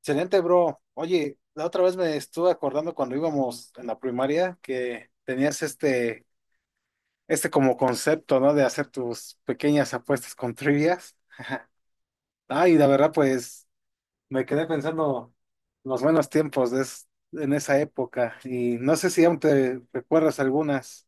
Excelente, bro. Oye, la otra vez me estuve acordando cuando íbamos en la primaria que tenías este como concepto, ¿no? De hacer tus pequeñas apuestas con trivias. Ah, y la verdad, pues me quedé pensando los buenos tiempos de en esa época y no sé si aún te recuerdas algunas.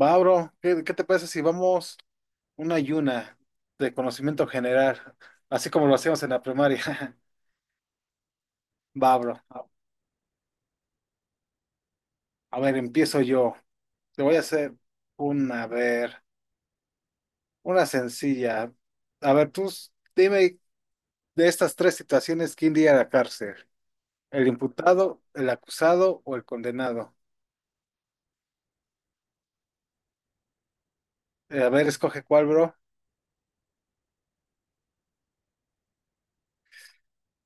Va, bro, ¿qué te parece si vamos una y una de conocimiento general, así como lo hacíamos en la primaria? Va, bro. A ver, empiezo yo. Te voy a hacer una, a ver, una sencilla. A ver, dime de estas tres situaciones, ¿quién iría a la cárcel? ¿El imputado, el acusado o el condenado? A ver, escoge cuál, bro.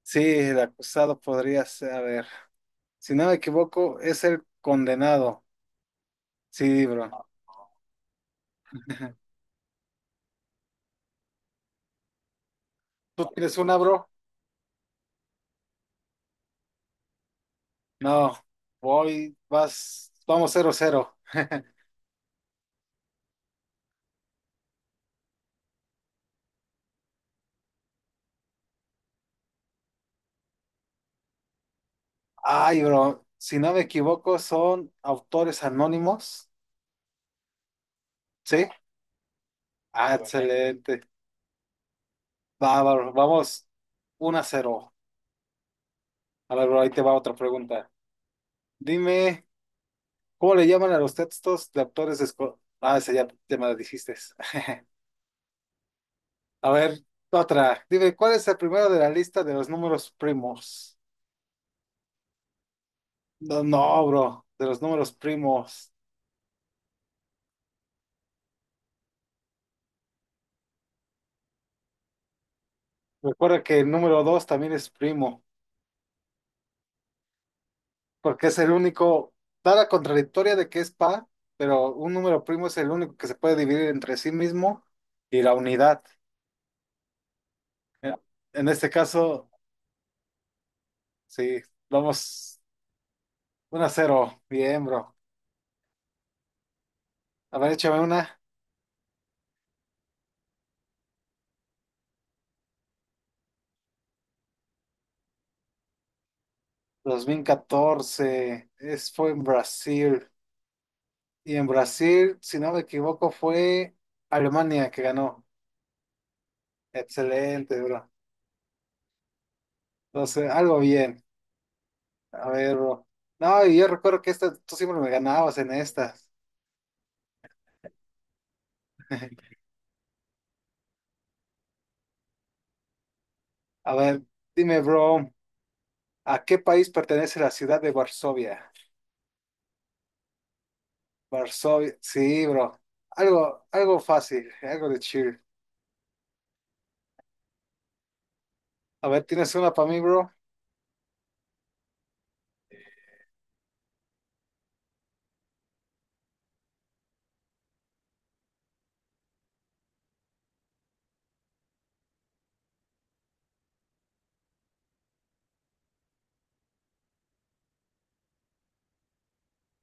Sí, el acusado podría ser, a ver, si no me equivoco, es el condenado. Sí, bro. ¿Tú tienes una, bro? No, voy, vas, vamos 0-0. Ay, bro, si no me equivoco, son autores anónimos. ¿Sí? Ah, excelente. Bárbaro, vamos 1-0. A ver, bro, ahí te va otra pregunta. Dime, ¿cómo le llaman a los textos de autores escolares? Ah, esa ya me la dijiste. A ver, otra. Dime, ¿cuál es el primero de la lista de los números primos? No, no, bro, de los números primos. Recuerda que el número 2 también es primo, porque es el único, da la contradictoria de que es par, pero un número primo es el único que se puede dividir entre sí mismo y la unidad. Eh, En este caso. Sí, vamos uno a 0. Bien, bro. A ver, échame una. 2014, fue en Brasil. Y en Brasil, si no me equivoco, fue Alemania que ganó. Excelente, bro. Entonces, algo bien. A ver, bro. No, y yo recuerdo que esta, tú siempre me ganabas en estas. A ver, dime, bro, ¿a qué país pertenece la ciudad de Varsovia? Varsovia, sí, bro. Algo fácil, algo de chill. A ver, ¿tienes una para mí, bro?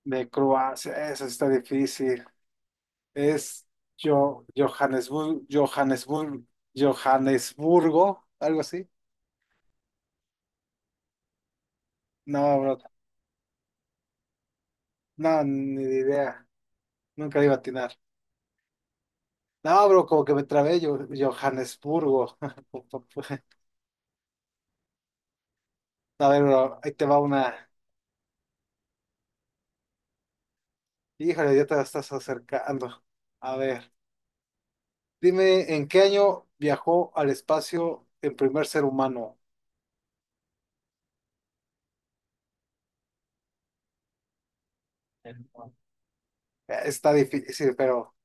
De Croacia, eso está difícil. Es yo, Johannesburgo, Johannesburgo, Johannesburgo, algo así. No, bro, no, ni idea. Nunca le iba a atinar. No, bro, como que me trabé yo, Johannesburgo. A ver, bro, ahí te va una. Híjole, ya te la estás acercando. A ver, dime, ¿en qué año viajó al espacio el primer ser humano? Eh, Está difícil, pero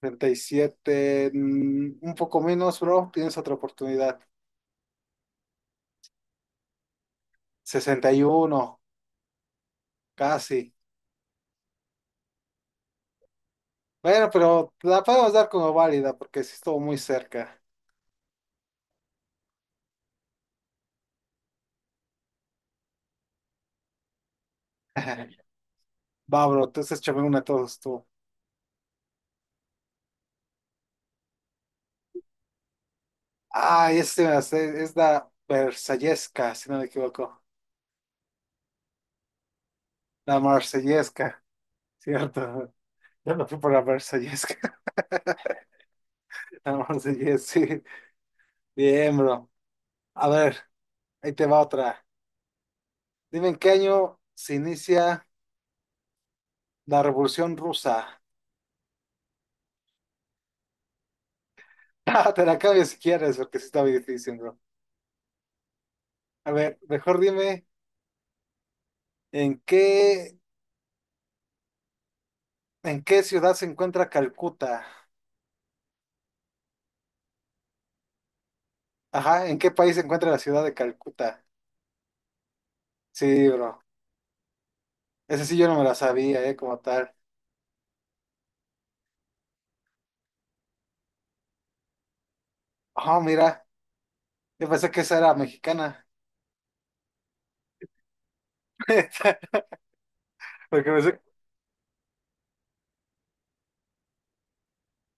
37, un poco menos, bro. Tienes otra oportunidad. 61, casi. Bueno, pero la podemos dar como válida porque sí estuvo muy cerca. Va, bro, entonces échame una a todos tú. Ah, este me la sé, es la Versallesca, si no me equivoco. La Marsellesca, ¿cierto? Yo me fui por la Versallesca. La Marsellesca, sí. Bien, bro. A ver, ahí te va otra. Dime en qué año se inicia la Revolución Rusa. Ah, te la cambio si quieres, porque sí está muy difícil, bro. A ver, mejor dime, ¿en qué, en qué ciudad se encuentra Calcuta? Ajá, ¿en qué país se encuentra la ciudad de Calcuta? Sí, bro. Ese sí yo no me la sabía, como tal. Ah, mira, yo pensé que esa era mexicana. Porque pensé,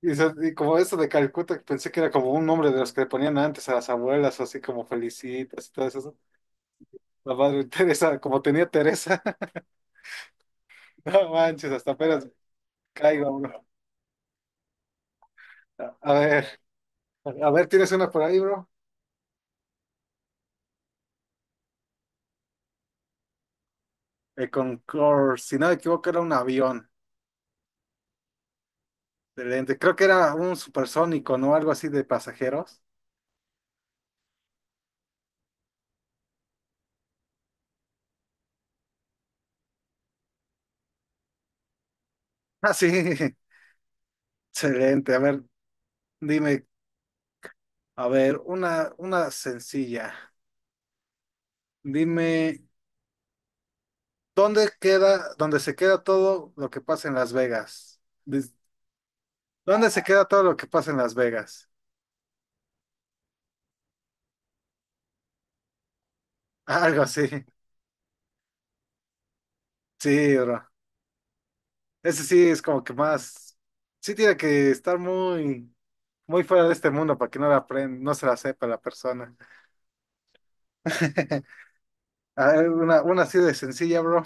y como eso de Calcuta, pensé que era como un nombre de los que le ponían antes a las abuelas, así como Felicitas y todo eso. La madre Teresa, como tenía Teresa. No manches, hasta apenas caigo, bro. A ver. A ver, ¿tienes una por ahí, bro? El Concorde, si no me equivoco, era un avión. Excelente. Creo que era un supersónico, ¿no? Algo así de pasajeros. Ah, sí. Excelente. A ver, dime, a ver, una sencilla. Dime, dónde se queda todo lo que pasa en Las Vegas? Dis- ¿Dónde se queda todo lo que pasa en Las Vegas? Algo así. Sí, bro. Ese sí es como que más. Sí tiene que estar muy fuera de este mundo para que no la aprenda, no se la sepa la persona. A ver, una así de sencilla, bro.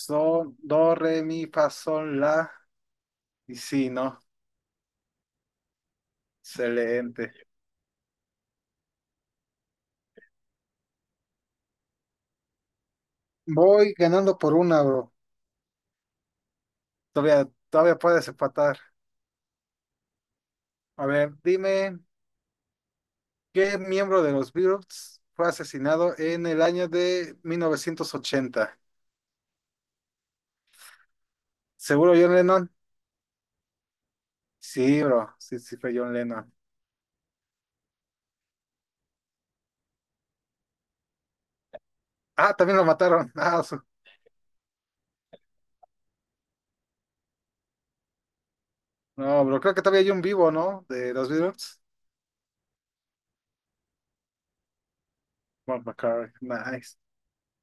Sol, do, re, mi, fa, sol, la. Y sí, ¿no? Excelente. Voy ganando por una, bro. Todavía, todavía puedes empatar. A ver, dime, ¿qué miembro de los Beatles fue asesinado en el año de 1980? ¿Seguro John Lennon? Sí, bro. Sí, sí, fue John Lennon. Ah, también lo mataron. No, bro, creo que todavía hay un vivo, ¿no? De los Beatles. Mark McCarthy, nice.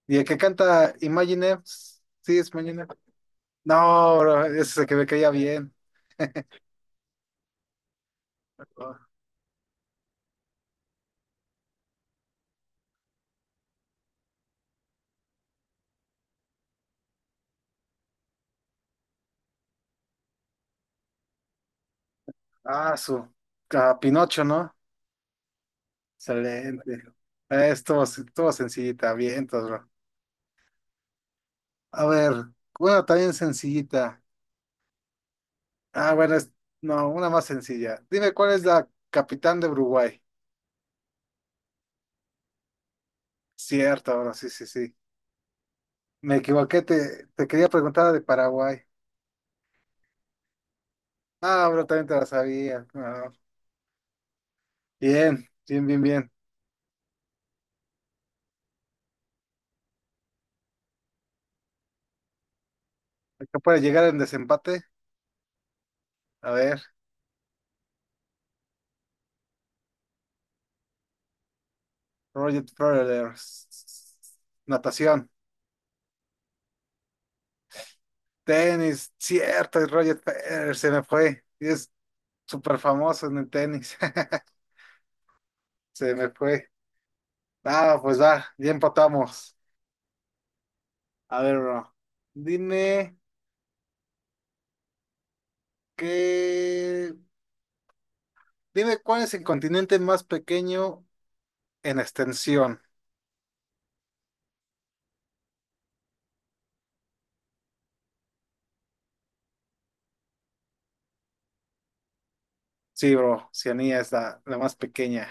¿Y el que canta Imagine? Sí, es Imagine. No, bro, ese es el que me caía bien. Ah, su. Pinocho, ¿no? Excelente. Estuvo sencillita, bien, todo, bro. A ver, bueno, también sencillita. Ah, bueno, no, una más sencilla. Dime cuál es la capitán de Uruguay. Cierto, bro, sí, sí, sí. Me equivoqué, te quería preguntar de Paraguay. Ah, bro, también te la sabía. Ah, bien, bien, bien, bien. Acá puede llegar en desempate. A ver, Roger Federer. Natación. Tenis. Cierto, es Roger Federer se me fue. Y es súper famoso en el tenis. Se me fue. Ah, pues va, ya empatamos. A ver, bro. Dime qué. Dime cuál es el continente más pequeño en extensión. Sí, bro. Oceanía es la más pequeña.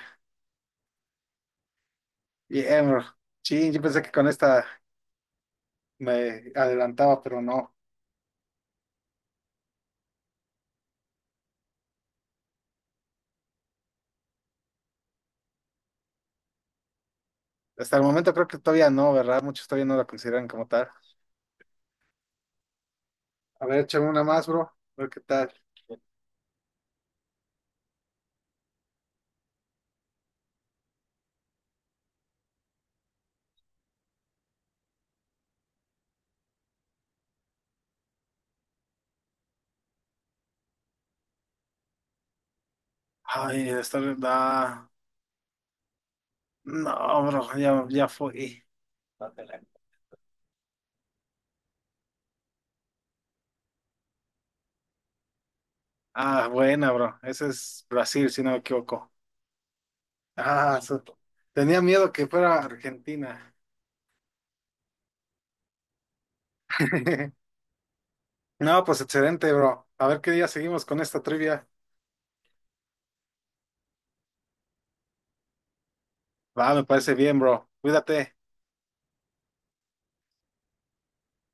Bien, bro. Sí, yo pensé que con esta me adelantaba, pero no. Hasta el momento creo que todavía no, ¿verdad? Muchos todavía no la consideran como tal. A ver, échame una más, bro. A ver qué tal. Ay, esta verdad. No, bro, ya fue. Ah, buena, bro. Ese es Brasil, si no me equivoco. Ah, su- Tenía miedo que fuera Argentina. No, pues excelente, bro. A ver qué día seguimos con esta trivia. Va, me parece bien, bro. Cuídate.